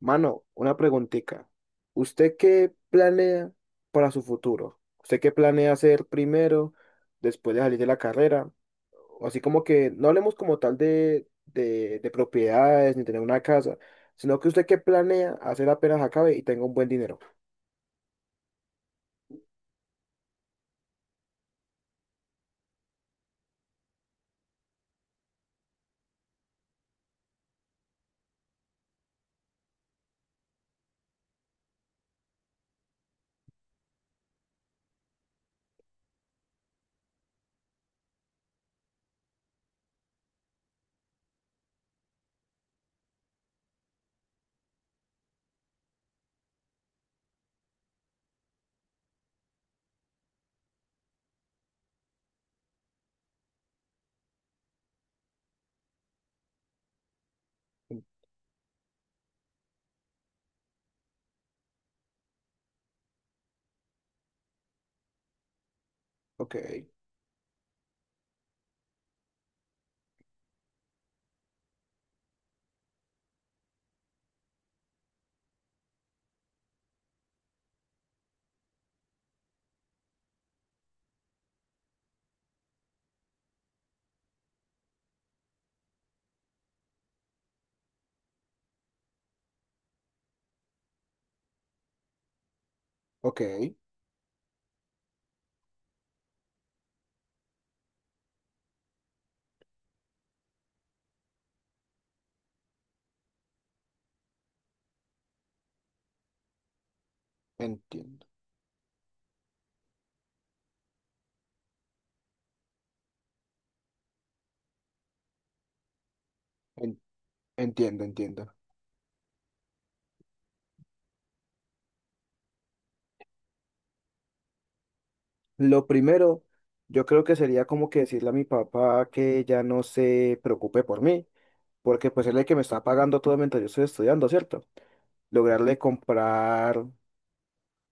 Mano, una preguntita. ¿Usted qué planea para su futuro? ¿Usted qué planea hacer primero, después de salir de la carrera? O así como que no hablemos como tal de propiedades ni tener una casa, sino que usted qué planea hacer apenas acabe y tenga un buen dinero. Ok, ok, entiendo, en- entiendo, entiendo. Lo primero, yo creo que sería como que decirle a mi papá que ya no se preocupe por mí porque pues él es el que me está pagando todo mientras yo estoy estudiando, ¿cierto? Lograrle comprar,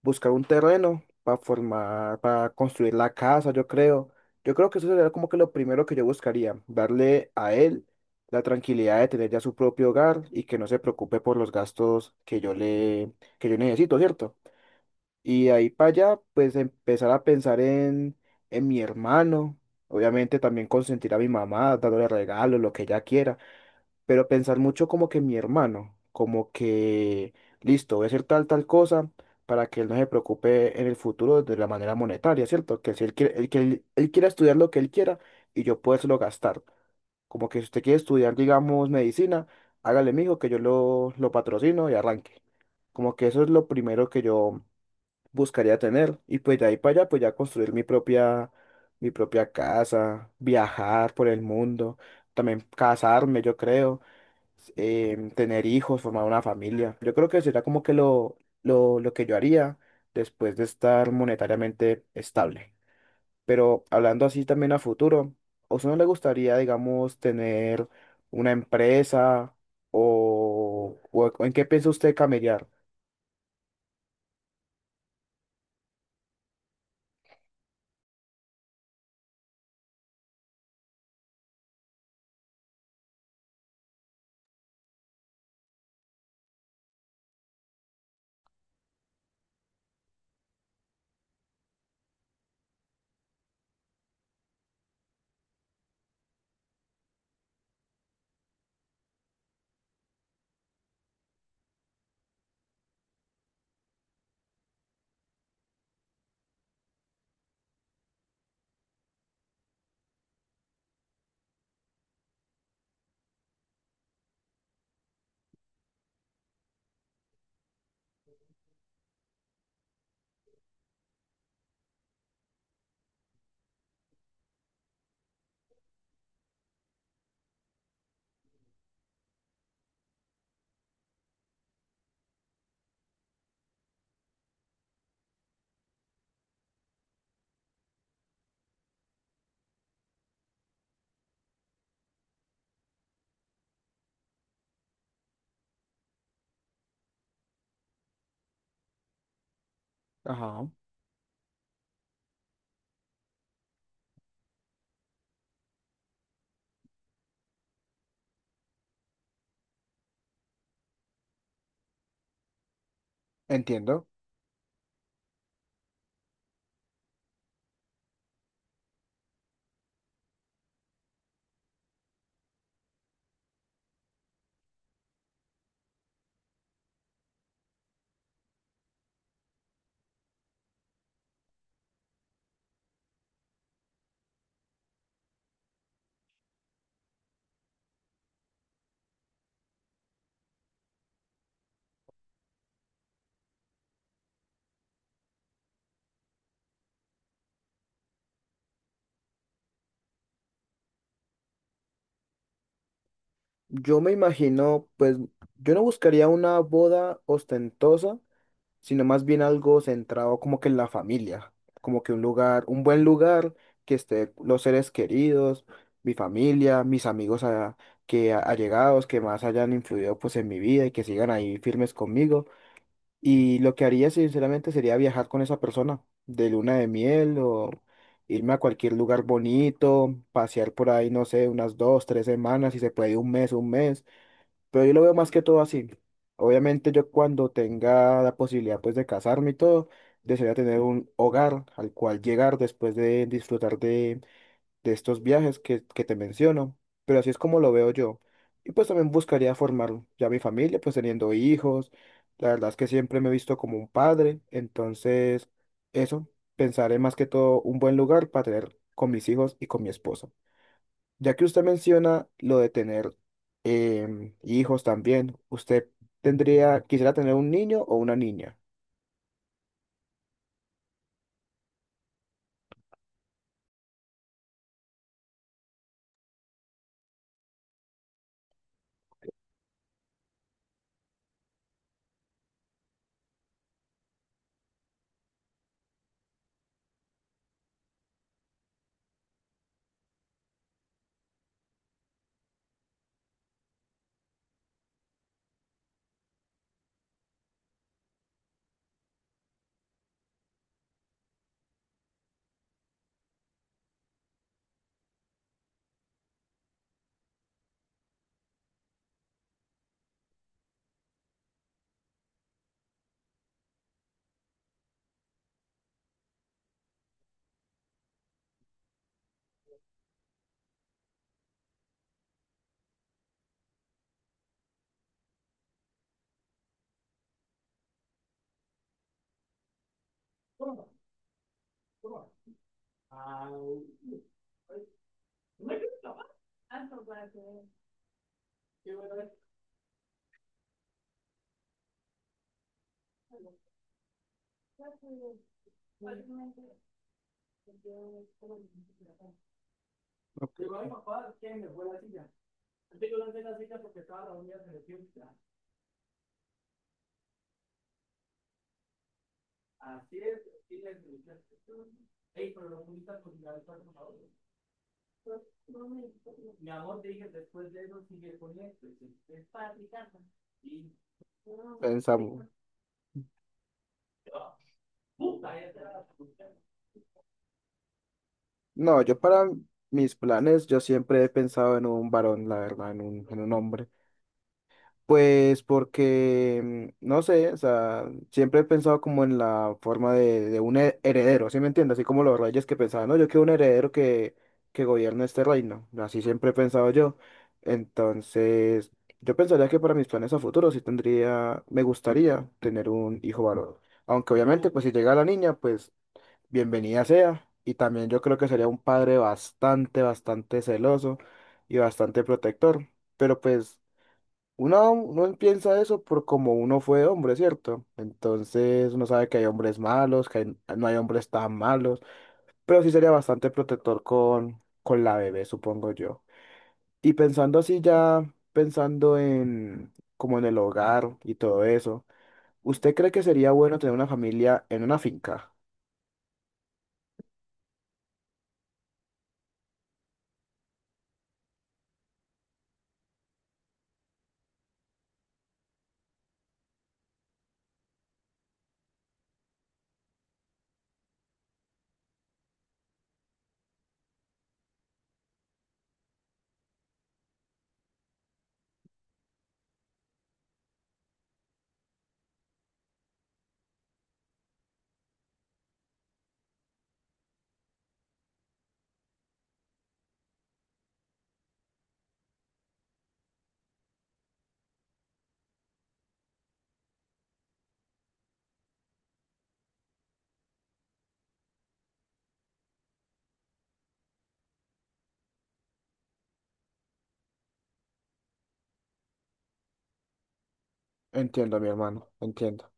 buscar un terreno para formar, para construir la casa, yo creo. Yo creo que eso sería como que lo primero que yo buscaría, darle a él la tranquilidad de tener ya su propio hogar y que no se preocupe por los gastos que yo le, que yo necesito, ¿cierto? Y de ahí para allá, pues empezar a pensar en mi hermano, obviamente también consentir a mi mamá, dándole regalos, lo que ella quiera, pero pensar mucho como que mi hermano, como que, listo, voy a hacer tal cosa para que él no se preocupe en el futuro de la manera monetaria, ¿cierto? Que si él quiere, él, que él quiera estudiar lo que él quiera y yo lo gastar. Como que si usted quiere estudiar, digamos, medicina, hágale, mijo, que yo lo patrocino y arranque. Como que eso es lo primero que yo buscaría tener. Y pues de ahí para allá, pues ya construir mi propia casa, viajar por el mundo, también casarme, yo creo, tener hijos, formar una familia. Yo creo que sería como que lo que yo haría después de estar monetariamente estable. Pero hablando así también a futuro, ¿a usted no le gustaría, digamos, tener una empresa o, o en qué piensa usted camellar? Ajá, entiendo. Yo me imagino, pues yo no buscaría una boda ostentosa, sino más bien algo centrado como que en la familia, como que un lugar, un buen lugar, que esté los seres queridos, mi familia, mis amigos que allegados, que más hayan influido pues en mi vida y que sigan ahí firmes conmigo. Y lo que haría sinceramente sería viajar con esa persona de luna de miel o irme a cualquier lugar bonito, pasear por ahí, no sé, unas dos, tres semanas, si se puede un mes, un mes, pero yo lo veo más que todo así. Obviamente yo cuando tenga la posibilidad pues de casarme y todo, desearía tener un hogar al cual llegar después de disfrutar de estos viajes que te menciono. Pero así es como lo veo yo. Y pues también buscaría formar ya mi familia, pues teniendo hijos. La verdad es que siempre me he visto como un padre. Entonces, eso, pensaré más que todo un buen lugar para tener con mis hijos y con mi esposa. Ya que usted menciona lo de tener, hijos también, ¿usted tendría, quisiera tener un niño o una niña? Ok. Pensamos. No, yo para mis planes, yo siempre he pensado en un varón, la verdad, en un hombre. Pues porque, no sé, o sea, siempre he pensado como en la forma de un heredero, ¿sí me entiendes? Así como los reyes que pensaban, no, yo quiero un heredero que gobierne este reino, así siempre he pensado yo. Entonces, yo pensaría que para mis planes a futuro sí tendría, me gustaría tener un hijo varón. Aunque obviamente, pues si llega la niña, pues bienvenida sea. Y también yo creo que sería un padre bastante, bastante celoso y bastante protector. Pero pues... Uno piensa eso por como uno fue hombre, ¿cierto? Entonces uno sabe que hay hombres malos, que no hay hombres tan malos, pero sí sería bastante protector con la bebé, supongo yo. Y pensando así ya, pensando en como en el hogar y todo eso, ¿usted cree que sería bueno tener una familia en una finca? Entiendo, mi hermano, entiendo.